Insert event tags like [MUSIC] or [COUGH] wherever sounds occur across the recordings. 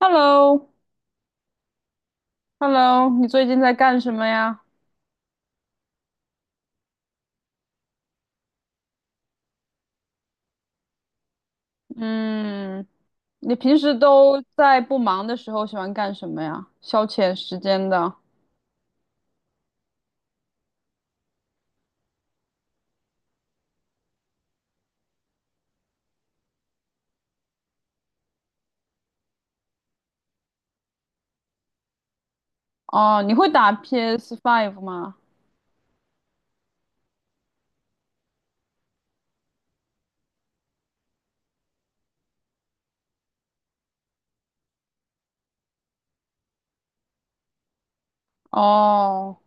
Hello，Hello，你最近在干什么呀？嗯，你平时都在不忙的时候喜欢干什么呀？消遣时间的。哦，你会打 p s Five 吗？哦，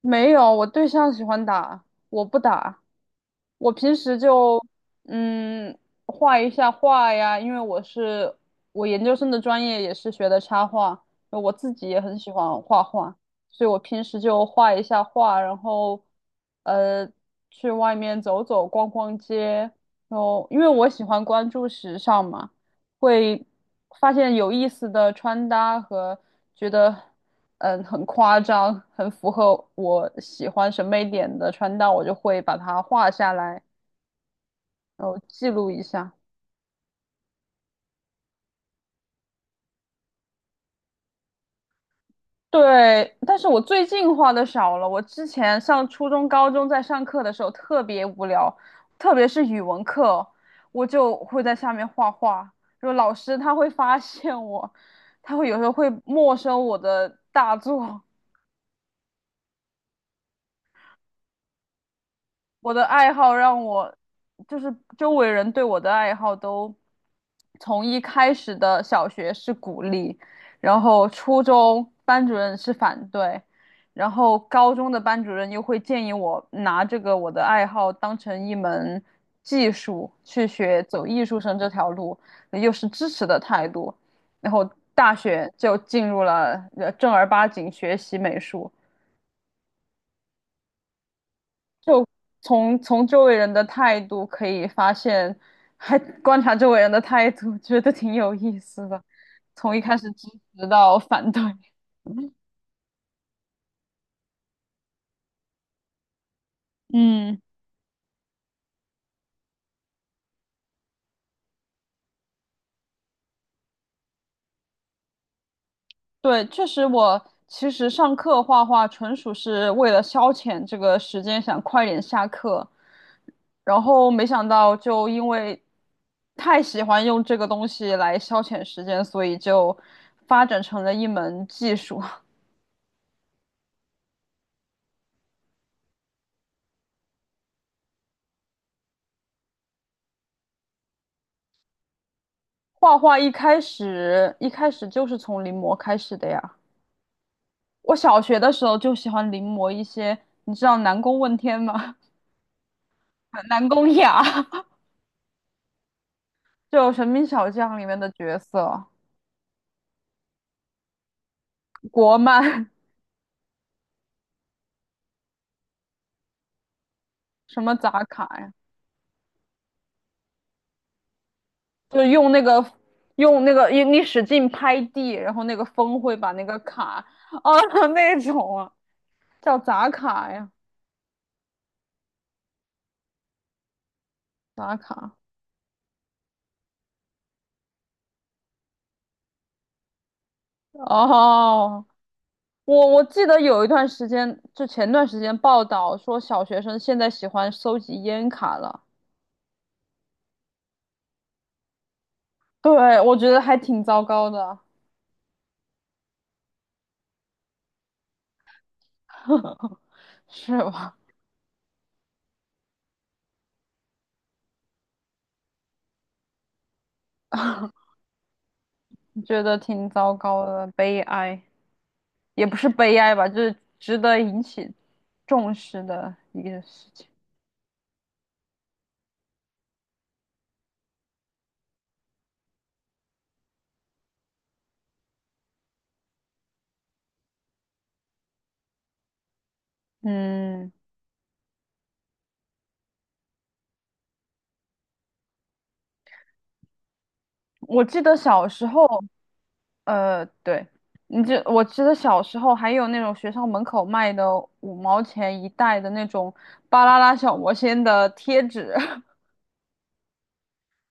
没有，我对象喜欢打，我不打。我平时就嗯画一下画呀，因为我研究生的专业也是学的插画，我自己也很喜欢画画，所以我平时就画一下画，然后呃去外面走走逛逛街，然后因为我喜欢关注时尚嘛，会发现有意思的穿搭和觉得很夸张，很符合我喜欢审美点的穿搭，我就会把它画下来，然后记录一下。对，但是我最近画的少了。我之前上初中、高中在上课的时候特别无聊，特别是语文课，我就会在下面画画。就老师他会发现我，他会有时候会没收我的大作。我的爱好让我，就是周围人对我的爱好都从一开始的小学是鼓励，然后初中班主任是反对，然后高中的班主任又会建议我拿这个我的爱好当成一门技术去学，走艺术生这条路，又是支持的态度，然后大学就进入了正儿八经学习美术。就从周围人的态度可以发现，还观察周围人的态度，觉得挺有意思的。从一开始支持到反对，嗯对，确实我其实上课画画纯属是为了消遣这个时间，想快点下课，然后没想到就因为太喜欢用这个东西来消遣时间，所以就发展成了一门技术。画画一开始就是从临摹开始的呀。我小学的时候就喜欢临摹一些，你知道南宫问天吗？[LAUGHS] 南宫雅，[LAUGHS] 就《神兵小将》里面的角色，国漫，什么杂卡呀，就用那个用那个你使劲拍地，然后那个风会把那个卡啊 [LAUGHS] 那种啊，叫杂卡呀，杂卡哦。我记得有一段时间，就前段时间报道说小学生现在喜欢收集烟卡了，对，我觉得还挺糟糕的，[LAUGHS] 是吧？[LAUGHS] 觉得挺糟糕的，悲哀，也不是悲哀吧，就是值得引起重视的一个事情。嗯，我记得小时候。对，你这我记得小时候还有那种学校门口卖的5毛钱一袋的那种巴啦啦小魔仙的贴纸，[LAUGHS]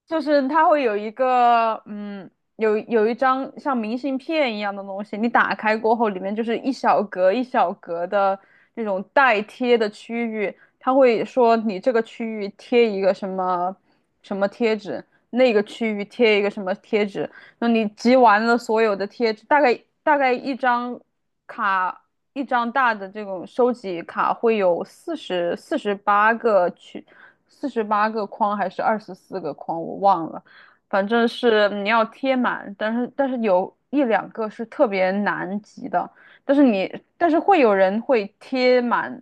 就是它会有一个有一张像明信片一样的东西，你打开过后，里面就是一小格一小格的那种带贴的区域，它会说你这个区域贴一个什么什么贴纸，那个区域贴一个什么贴纸。那你集完了所有的贴纸，大概一张卡，一张大的这种收集卡会有48个区，48个框还是24个框，我忘了，反正是嗯你要贴满，但是有一两个是特别难集的，但是你但是会有人会贴满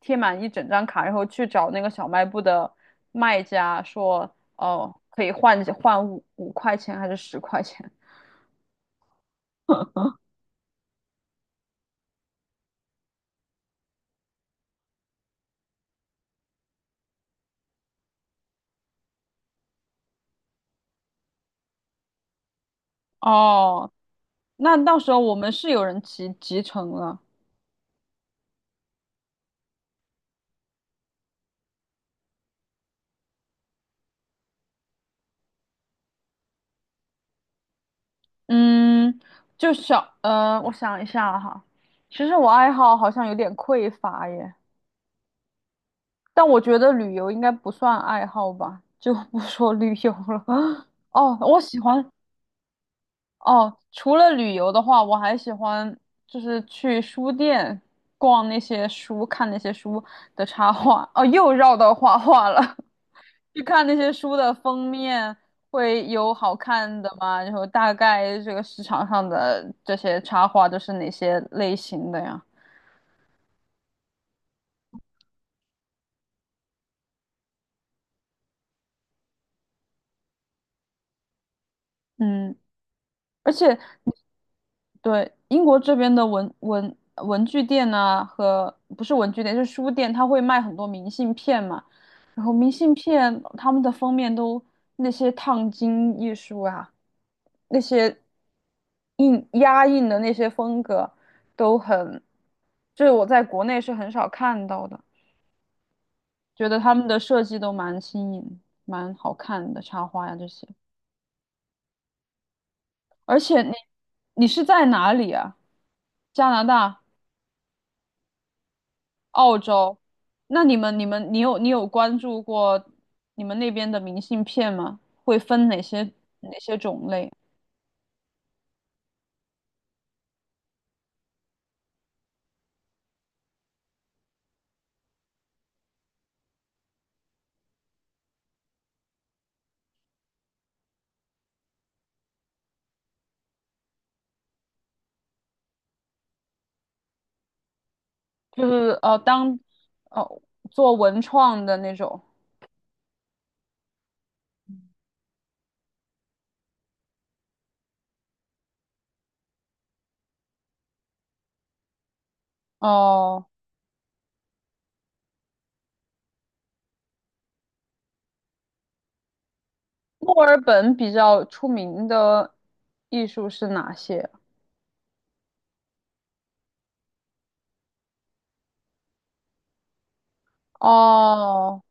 贴满一整张卡，然后去找那个小卖部的卖家说。哦，可以换换五块钱还是10块钱？哦，那到时候我们是有人集成了。嗯，就我想一下哈，其实我爱好好像有点匮乏耶，但我觉得旅游应该不算爱好吧，就不说旅游了。[LAUGHS] 哦，我喜欢哦，除了旅游的话，我还喜欢就是去书店逛那些书，看那些书的插画。哦，又绕到画画了。去看那些书的封面会有好看的吗？然后大概这个市场上的这些插画都是哪些类型的呀？嗯，而且对，英国这边的文具店呐、和不是文具店，是书店，它会卖很多明信片嘛。然后明信片他们的封面都那些烫金艺术啊，那些印压印的那些风格都很，就是我在国内是很少看到的，觉得他们的设计都蛮新颖、蛮好看的插画呀、这些。而且你你是在哪里啊？加拿大？澳洲，那你有关注过你们那边的明信片吗？会分哪些哪些种类？就是当哦做文创的那种哦。墨尔本比较出名的艺术是哪些？哦，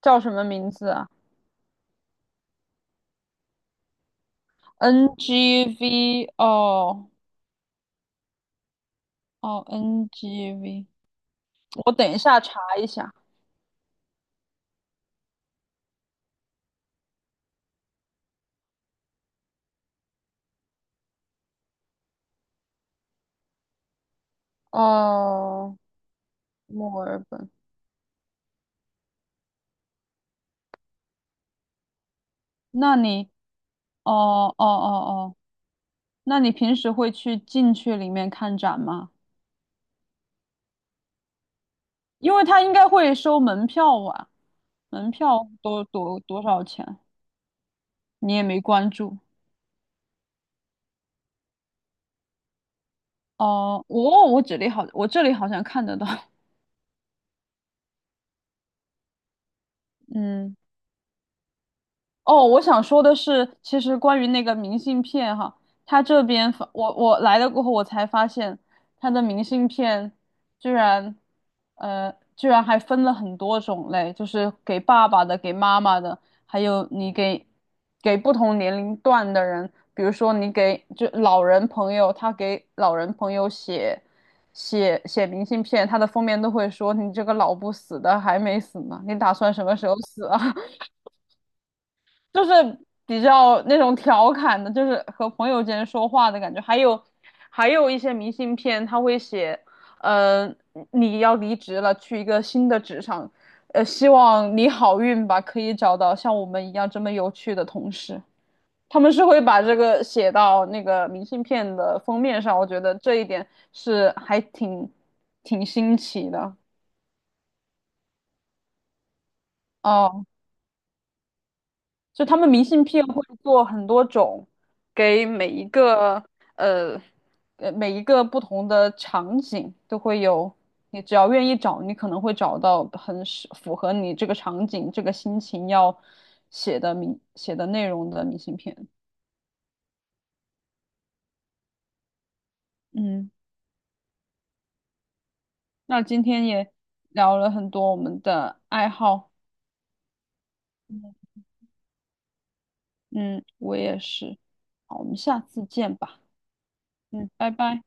叫什么名字啊？NGV 哦哦，NGV，我等一下查一下。哦，墨尔本，那你？哦哦哦哦，那你平时会去进去里面看展吗？因为他应该会收门票吧？门票多少钱？你也没关注哦。我这里好，我这里好像看得到。[LAUGHS] 嗯。哦，我想说的是，其实关于那个明信片哈，他这边发我，我来了过后，我才发现他的明信片居然居然还分了很多种类，就是给爸爸的、给妈妈的，还有你给不同年龄段的人，比如说你给就老人朋友，他给老人朋友写明信片，他的封面都会说你这个老不死的还没死呢，你打算什么时候死啊？就是比较那种调侃的，就是和朋友间说话的感觉。还有，还有一些明信片，他会写，呃，你要离职了，去一个新的职场，呃，希望你好运吧，可以找到像我们一样这么有趣的同事。他们是会把这个写到那个明信片的封面上，我觉得这一点是还挺新奇的。哦。就他们明信片会做很多种，给每一个呃每一个不同的场景都会有，你只要愿意找，你可能会找到很符合你这个场景、这个心情要写的内容的明信片。嗯，那今天也聊了很多我们的爱好。嗯，我也是。好，我们下次见吧。嗯，拜拜。